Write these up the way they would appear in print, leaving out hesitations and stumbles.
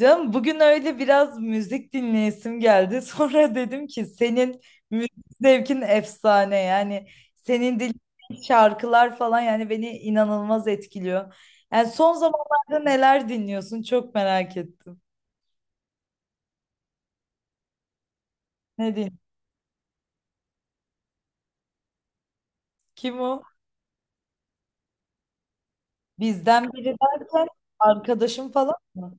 Canım bugün öyle biraz müzik dinleyesim geldi. Sonra dedim ki senin müzik zevkin efsane yani, senin dinlediğin şarkılar falan yani beni inanılmaz etkiliyor. Yani son zamanlarda neler dinliyorsun, çok merak ettim. Ne dinliyorsun? Kim o? Bizden biri derken arkadaşım falan mı?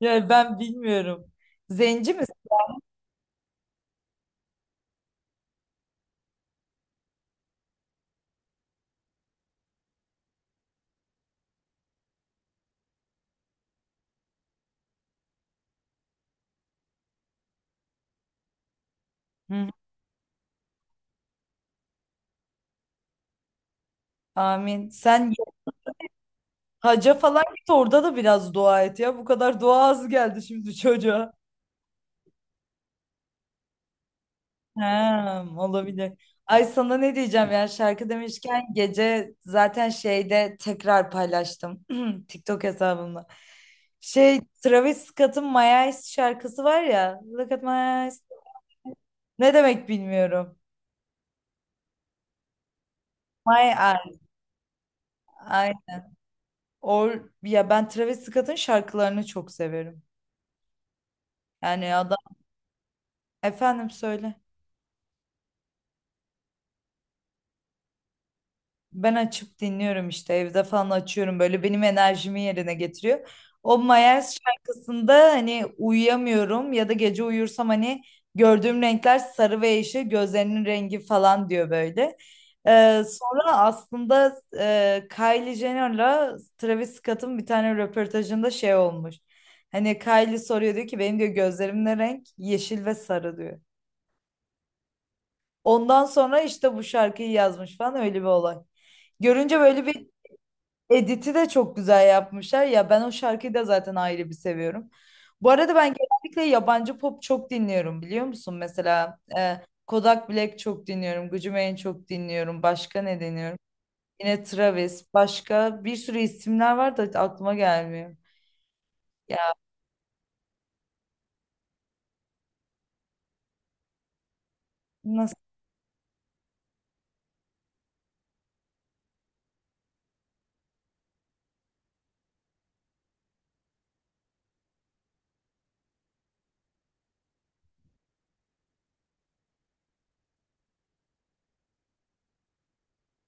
Yani ben bilmiyorum. Zenci misin? Hı. Amin. Sen haca falan git, orada da biraz dua et ya. Bu kadar dua az geldi şimdi çocuğa. Ha, olabilir. Ay sana ne diyeceğim ya, şarkı demişken gece zaten şeyde tekrar paylaştım TikTok hesabımda. Şey, Travis Scott'ın My Eyes şarkısı var ya, Look at my eyes. Ne demek bilmiyorum? My eyes. Ay, or, ya ben Travis Scott'ın şarkılarını çok severim. Yani adam, efendim söyle. Ben açıp dinliyorum işte, evde falan açıyorum, böyle benim enerjimi yerine getiriyor. O Mayers şarkısında hani uyuyamıyorum ya da gece uyursam hani gördüğüm renkler sarı ve yeşil, gözlerinin rengi falan diyor böyle. Sonra aslında Kylie Jenner'la Travis Scott'ın bir tane röportajında şey olmuş. Hani Kylie soruyor, diyor ki benim diyor gözlerim ne renk? Yeşil ve sarı diyor. Ondan sonra işte bu şarkıyı yazmış falan, öyle bir olay. Görünce böyle bir Edit'i de çok güzel yapmışlar. Ya ben o şarkıyı da zaten ayrı bir seviyorum. Bu arada ben genellikle yabancı pop çok dinliyorum biliyor musun? Mesela Kodak Black çok dinliyorum. Gucci Mane çok dinliyorum. Başka ne dinliyorum? Yine Travis. Başka bir sürü isimler var da aklıma gelmiyor. Ya nasıl?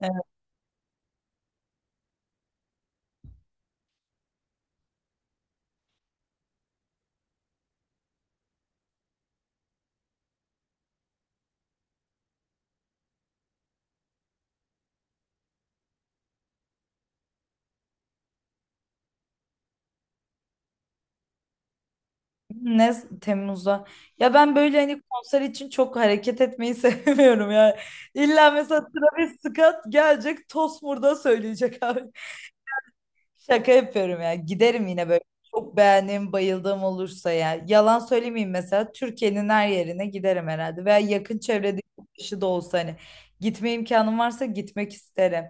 e, Ne Temmuz'da? Ya ben böyle hani konser için çok hareket etmeyi sevmiyorum ya. İlla mesela Travis Scott gelecek Tosmur'da söyleyecek abi. Şaka yapıyorum ya. Giderim yine böyle. Çok beğendiğim, bayıldığım olursa ya. Yalan söylemeyeyim mesela. Türkiye'nin her yerine giderim herhalde. Veya yakın çevrede bir kişi de olsa hani. Gitme imkanım varsa gitmek isterim.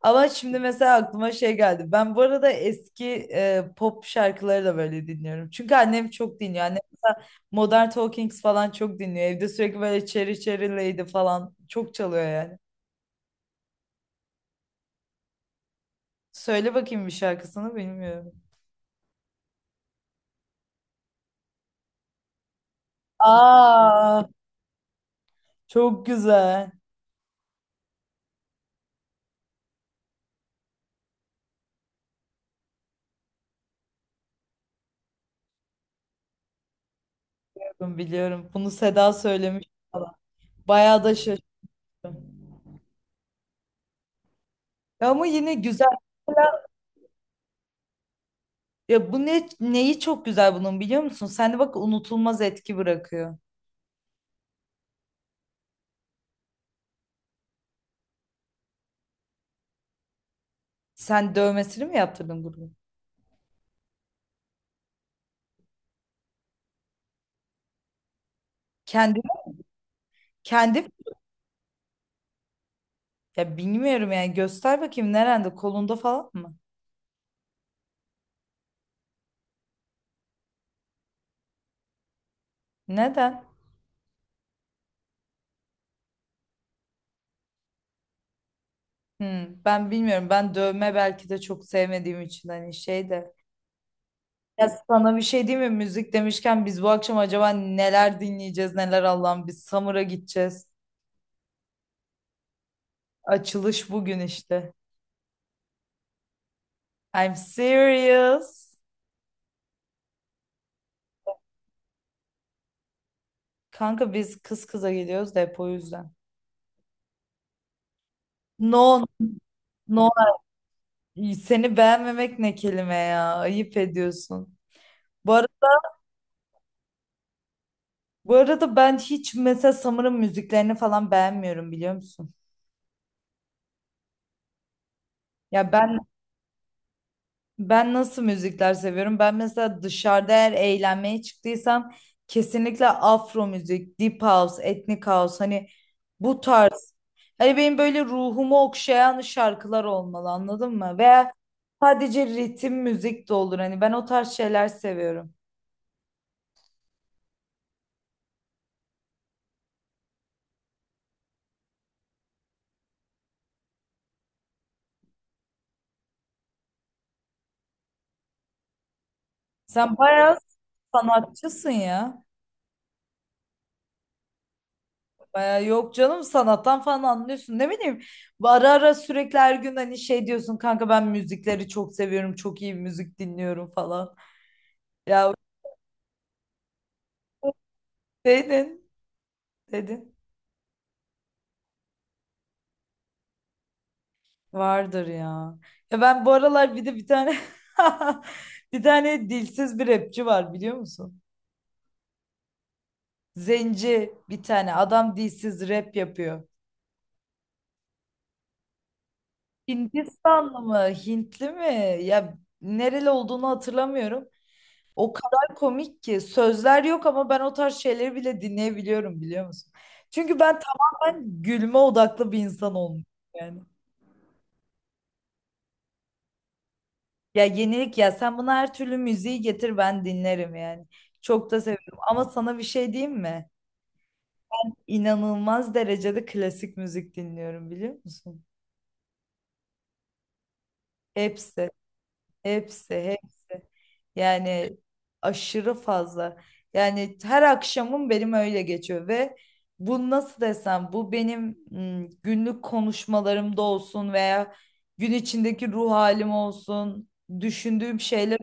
Ama şimdi mesela aklıma şey geldi. Ben bu arada eski pop şarkıları da böyle dinliyorum. Çünkü annem çok dinliyor. Annem mesela Modern Talkings falan çok dinliyor. Evde sürekli böyle Cherry Cherry Lady falan çok çalıyor yani. Söyle bakayım bir şarkısını, bilmiyorum. Aa. Çok güzel. Biliyorum, biliyorum. Bunu Seda söylemiş falan. Bayağı da şaşırdım. Ya ama yine güzel. Ya bu ne, neyi çok güzel bunun biliyor musun? Sende bak unutulmaz etki bırakıyor. Sen dövmesini mi yaptırdın bunu? Kendi kendi ya bilmiyorum yani, göster bakayım, nerede, kolunda falan mı? Neden? Hmm, ben bilmiyorum. Ben dövme belki de çok sevmediğim için hani şey de. Ya sana bir şey diyeyim mi? Müzik demişken biz bu akşam acaba neler dinleyeceğiz, neler Allah'ım, biz Samur'a gideceğiz. Açılış bugün işte. I'm serious. Kanka biz kız kıza geliyoruz da hep o yüzden. No, no. Seni beğenmemek ne kelime ya? Ayıp ediyorsun. Bu ara- Bu arada ben hiç mesela Summer'ın müziklerini falan beğenmiyorum biliyor musun? Ya ben, ben nasıl müzikler seviyorum? Ben mesela dışarıda eğer eğlenmeye çıktıysam kesinlikle afro müzik, deep house, etnik house, hani bu tarz. Hani benim böyle ruhumu okşayan şarkılar olmalı, anladın mı? Veya sadece ritim müzik de olur, hani ben o tarz şeyler seviyorum. Sen bayağı sanatçısın ya. Bayağı, yok canım, sanattan falan anlıyorsun, ne bileyim. Ara ara, sürekli her gün hani şey diyorsun, kanka ben müzikleri çok seviyorum, çok iyi müzik dinliyorum falan. Ya dedin, dedin. Vardır ya. Ya ben bu aralar bir de bir tane bir tane dilsiz bir rapçi var biliyor musun? Zenci bir tane adam dilsiz rap yapıyor. Hindistanlı mı, Hintli mi? Ya nereli olduğunu hatırlamıyorum. O kadar komik ki, sözler yok ama ben o tarz şeyleri bile dinleyebiliyorum biliyor musun? Çünkü ben tamamen gülme odaklı bir insan olmuşum yani. Ya yenilik, ya sen buna her türlü müziği getir ben dinlerim yani. Çok da seviyorum ama sana bir şey diyeyim mi? İnanılmaz derecede klasik müzik dinliyorum biliyor musun? Hepsi, hepsi, hepsi. Yani aşırı fazla. Yani her akşamım benim öyle geçiyor ve bu, nasıl desem, bu benim günlük konuşmalarımda olsun veya gün içindeki ruh halim olsun, düşündüğüm şeyler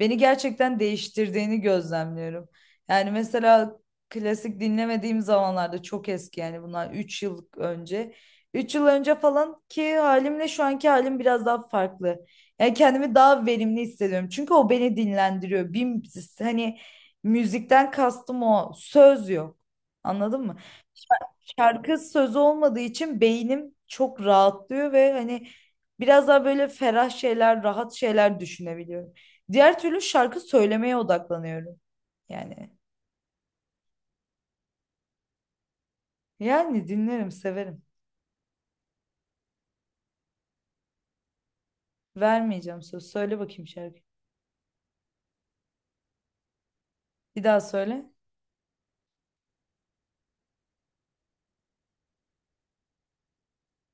beni gerçekten değiştirdiğini gözlemliyorum. Yani mesela klasik dinlemediğim zamanlarda, çok eski yani bunlar, 3 yıl önce. 3 yıl önce falan ki halimle şu anki halim biraz daha farklı. Yani kendimi daha verimli hissediyorum. Çünkü o beni dinlendiriyor. Bir, hani müzikten kastım o. Söz yok. Anladın mı? Şarkı söz olmadığı için beynim çok rahatlıyor ve hani biraz daha böyle ferah şeyler, rahat şeyler düşünebiliyorum. Diğer türlü şarkı söylemeye odaklanıyorum. Yani, yani dinlerim, severim. Vermeyeceğim söz. Söyle bakayım şarkı. Bir daha söyle.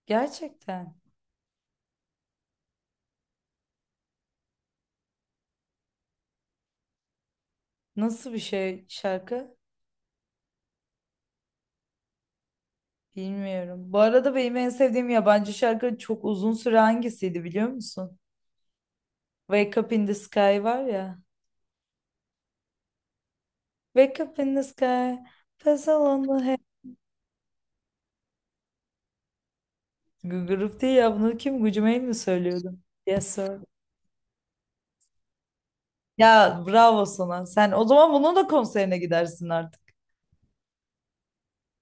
Gerçekten. Nasıl bir şey şarkı? Bilmiyorum. Bu arada benim en sevdiğim yabancı şarkı çok uzun süre hangisiydi biliyor musun? Wake Up in the Sky var ya. Wake up in the sky, puzzle on the Gıgırıf değil ya, bunu kim, Gucumail mi söylüyordu? Yes sir. Ya bravo sana. Sen o zaman bunun da konserine gidersin artık.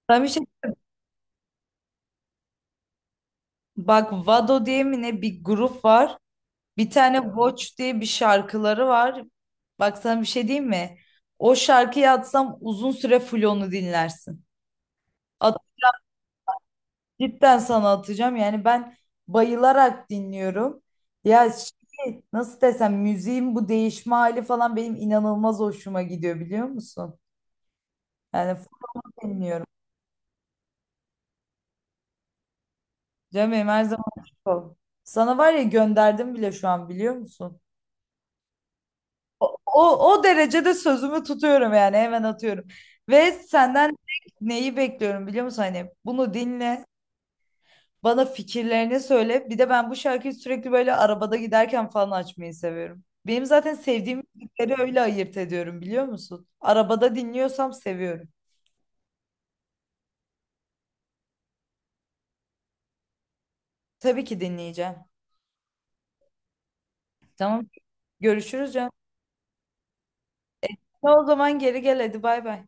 Ben bir şey, bak Vado diye mi ne bir grup var. Bir tane Watch diye bir şarkıları var. Bak sana bir şey diyeyim mi? O şarkıyı atsam uzun süre full onu dinlersin. At, cidden sana atacağım. Yani ben bayılarak dinliyorum. Ya şey, nasıl desem müziğin bu değişme hali falan benim inanılmaz hoşuma gidiyor biliyor musun? Yani bilmiyorum. Canım benim, her zaman açık ol. Sana var ya gönderdim bile şu an biliyor musun? O, o, o derecede sözümü tutuyorum yani, hemen atıyorum. Ve senden tek neyi bekliyorum biliyor musun? Hani bunu dinle, bana fikirlerini söyle. Bir de ben bu şarkıyı sürekli böyle arabada giderken falan açmayı seviyorum. Benim zaten sevdiğim müzikleri öyle ayırt ediyorum biliyor musun? Arabada dinliyorsam seviyorum. Tabii ki dinleyeceğim. Tamam. Görüşürüz canım. O zaman geri gel, hadi bay bay.